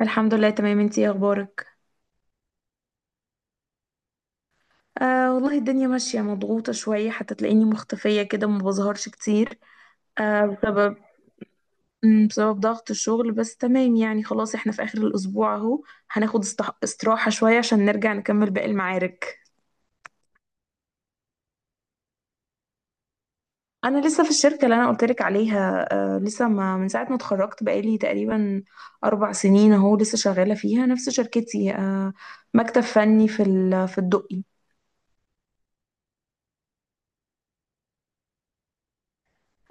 الحمد لله، تمام. انتي ايه اخبارك؟ والله الدنيا ماشية مضغوطة شوية، حتى تلاقيني مختفية كده ما بظهرش كتير. آه بسبب بسبب ضغط الشغل، بس تمام يعني. خلاص احنا في اخر الاسبوع اهو، هناخد استراحة شوية عشان نرجع نكمل باقي المعارك. انا لسه في الشركة اللي انا قلتلك عليها. لسه، ما من ساعة ما اتخرجت بقالي تقريبا 4 سنين اهو لسه شغالة فيها نفس شركتي. مكتب فني في الدقي.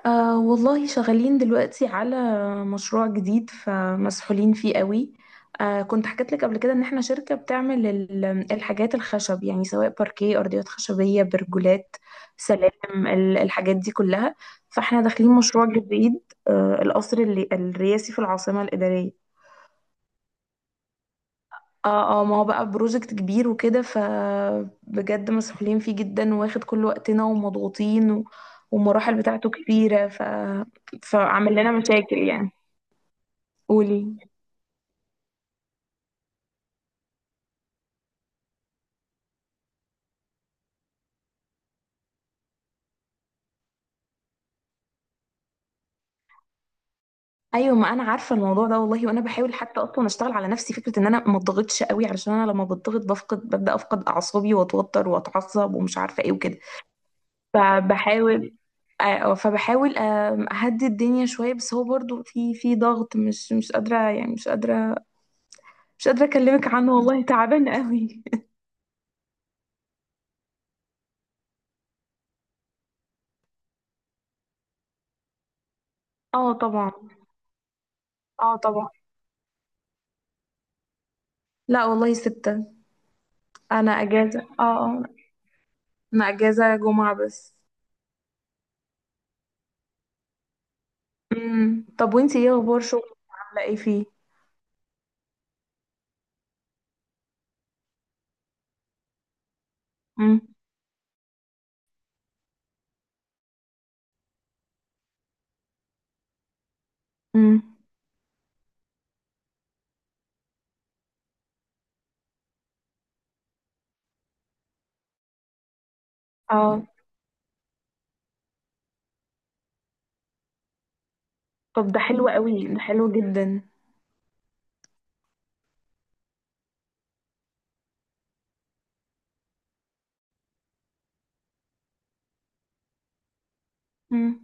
والله شغالين دلوقتي على مشروع جديد، فمسحولين فيه قوي. كنت حكيت لك قبل كده ان احنا شركة بتعمل الحاجات الخشب، يعني سواء باركيه، ارضيات خشبية، برجولات، سلالم، الحاجات دي كلها. فاحنا داخلين مشروع جديد. القصر اللي الرئاسي في العاصمة الإدارية. اه، اه، ما هو بقى بروجكت كبير وكده، فبجد مسؤولين فيه جدا، واخد كل وقتنا ومضغوطين. والمراحل بتاعته كبيرة. فعمل لنا مشاكل يعني. قولي. ايوه، ما انا عارفه الموضوع ده والله، وانا بحاول حتى اصلا اشتغل على نفسي، فكره ان انا ما اتضغطش قوي، علشان انا لما بتضغط ببدا افقد اعصابي واتوتر واتعصب ومش عارفه ايه وكده. فبحاول فبحاول اهدي الدنيا شويه. بس هو برضو في ضغط، مش قادره يعني، مش قادره، مش قادرة أكلمك عنه، والله تعبان قوي. اه طبعا. اه طبعا. لا والله ستة. أنا أجازة اه اه أنا أجازة جمعة بس. طب وانتي ايه أخبار شغلك؟ عاملة ايه فيه؟ امم. امم. اه. طب ده حلو قوي، ده حلو جدا. امم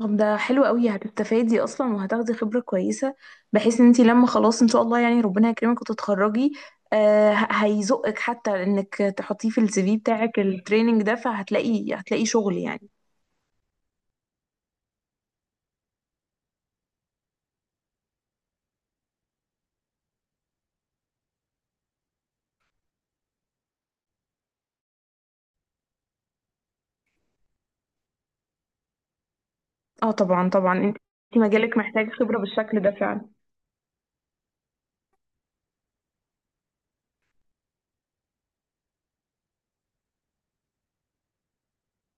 طب ده حلو قوي، هتستفادي أصلا وهتاخدي خبرة كويسة، بحيث ان انتي لما خلاص إن شاء الله يعني ربنا يكرمك وتتخرجي. هيزقك حتى انك تحطيه في السي في بتاعك، التريننج ده فهتلاقي شغل يعني. اه طبعا، طبعا. انت مجالك محتاج خبرة بالشكل ده فعلا.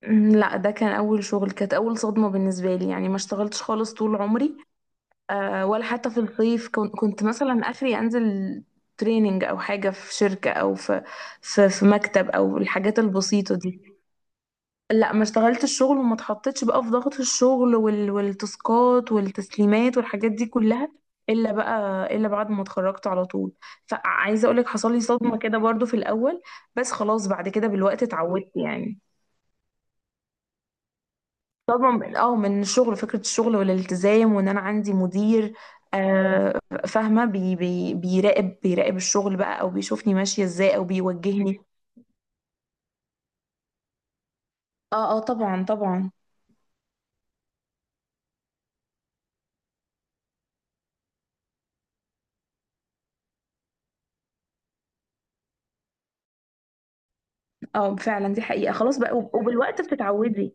لا، ده كان اول شغل، كانت اول صدمة بالنسبة لي يعني، ما اشتغلتش خالص طول عمري. ولا حتى في الصيف كنت مثلا اخري انزل تريننج او حاجة في شركة او في مكتب او الحاجات البسيطة دي. لا ما اشتغلتش الشغل، وما اتحطيتش بقى في ضغط الشغل والتاسكات والتسليمات والحاجات دي كلها. الا بقى الا بعد ما اتخرجت على طول. فعايزه اقول لك حصل لي صدمه كده برضو في الاول، بس خلاص بعد كده بالوقت اتعودت يعني. صدمه من- اه من الشغل، فكره الشغل والالتزام، وان انا عندي مدير. آه فاهمه بي... بي... بيراقب بيراقب الشغل بقى او بيشوفني ماشيه ازاي او بيوجهني. اه، اه طبعا، طبعا. اه فعلا دي حقيقه، خلاص بقى وبالوقت بتتعودي.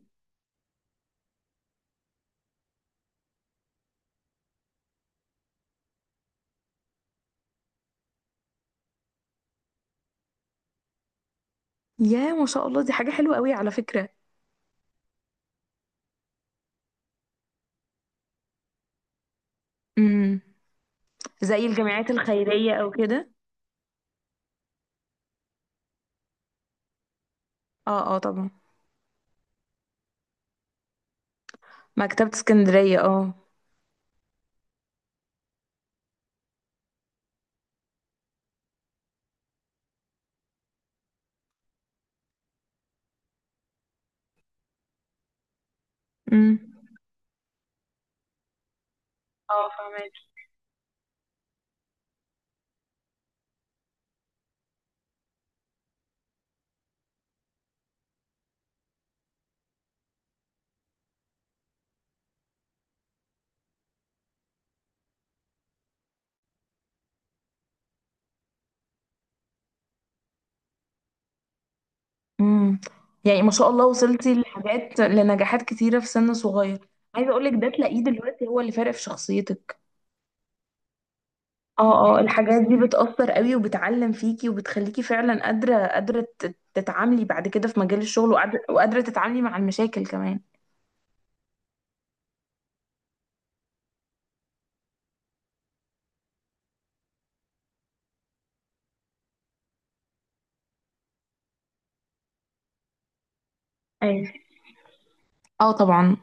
يا ما شاء الله، دي حاجة حلوة قوي على فكرة. امم. زي الجمعيات الخيرية او كده. اه، اه طبعا. مكتبة اسكندرية، اه. امم. اه، فاهمك. امم. يعني ما شاء الله، وصلتي لنجاحات كتيرة في سن صغير. عايزة اقولك ده تلاقيه دلوقتي هو اللي فارق في شخصيتك. اه، اه، الحاجات دي بتأثر قوي وبتعلم فيكي وبتخليكي فعلا قادرة تتعاملي بعد كده في مجال الشغل، وقادرة تتعاملي مع المشاكل كمان. ايوه. اه طبعا.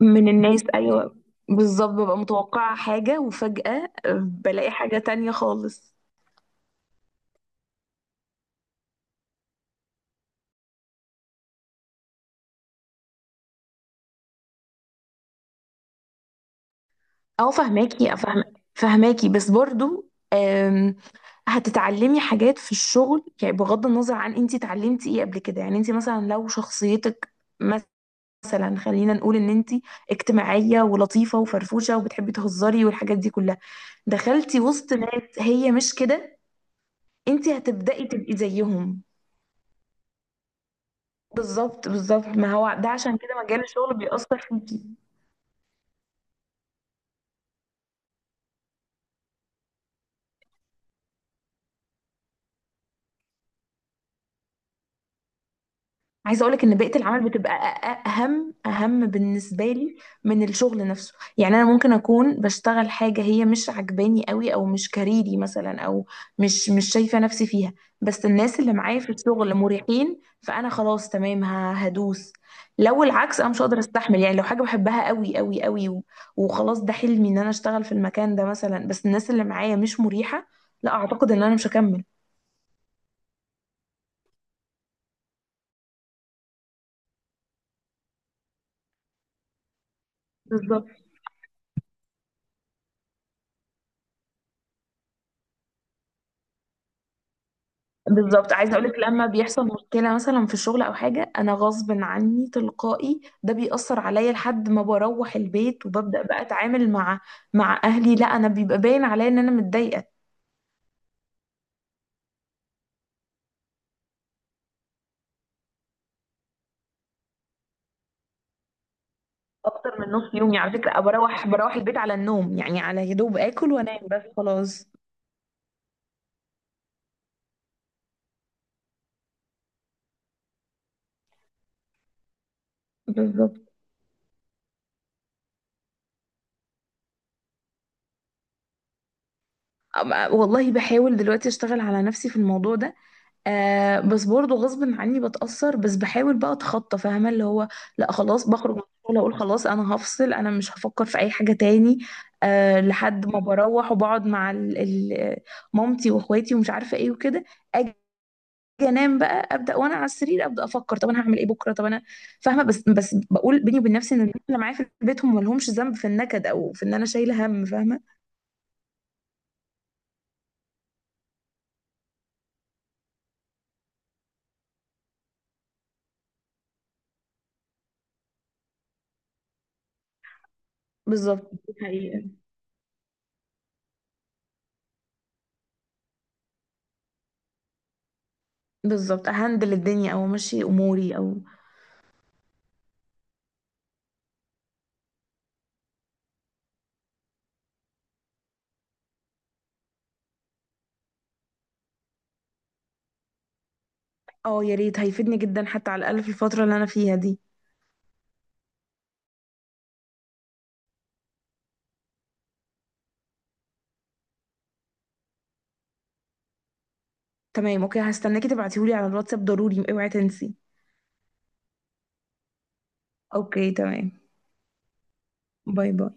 من الناس، ايوه. بالظبط، ببقى متوقعة حاجة وفجأة بلاقي حاجة تانية خالص. اه، فهماكي افهم. فهماكي، بس برضو هتتعلمي حاجات في الشغل يعني، بغض النظر عن انتي اتعلمتي ايه قبل كده. يعني انتي مثلا لو شخصيتك، مثلا خلينا نقول ان انتي اجتماعية ولطيفة وفرفوشة وبتحبي تهزري والحاجات دي كلها، دخلتي وسط ناس هي مش كده، انتي هتبدأي تبقي زيهم. بالظبط، بالظبط، ما هو ده عشان كده مجال الشغل بيأثر فيكي. عايزه اقول لك ان بيئه العمل بتبقى اهم بالنسبه لي من الشغل نفسه، يعني انا ممكن اكون بشتغل حاجه هي مش عجباني قوي، او مش كاريري مثلا، او مش شايفه نفسي فيها، بس الناس اللي معايا في الشغل مريحين، فانا خلاص تمام هدوس. لو العكس انا مش هقدر استحمل يعني، لو حاجه بحبها قوي قوي قوي وخلاص ده حلمي ان انا اشتغل في المكان ده مثلا، بس الناس اللي معايا مش مريحه، لا اعتقد ان انا مش هكمل. بالظبط، بالظبط، عايزه اقول لك لما بيحصل مشكله مثلا في الشغل او حاجه، انا غصب عني تلقائي ده بيأثر عليا لحد ما بروح البيت، وببدأ بقى اتعامل مع اهلي، لا، انا بيبقى باين عليا ان انا متضايقه. اكتر من نص يومي على فكره، بروح البيت على النوم يعني، على يا دوب اكل وانام بس خلاص. بالظبط. والله بحاول دلوقتي اشتغل على نفسي في الموضوع ده. بس برضه غصب عني بتأثر، بس بحاول بقى اتخطى فاهمة اللي هو، لا خلاص بخرج من الشغل اقول خلاص انا هفصل، انا مش هفكر في اي حاجة تاني. لحد ما بروح وبقعد مع مامتي واخواتي ومش عارفة ايه وكده. اجي انام بقى، ابدا وانا على السرير ابدا افكر، طب انا هعمل ايه بكره، طب انا. فاهمه، بس بقول بيني وبين نفسي ان الناس اللي معايا في البيت هم مالهمش ذنب في النكد او في ان انا شايله هم فاهمه. بالظبط، دي حقيقة. بالظبط، اهندل الدنيا او امشي اموري او. اه يا ريت، هيفيدني جدا حتى على الاقل في الفتره اللي انا فيها دي. تمام اوكي، هستناكي تبعتيهولي على الواتساب، ضروري اوعي تنسي. اوكي تمام. باي باي.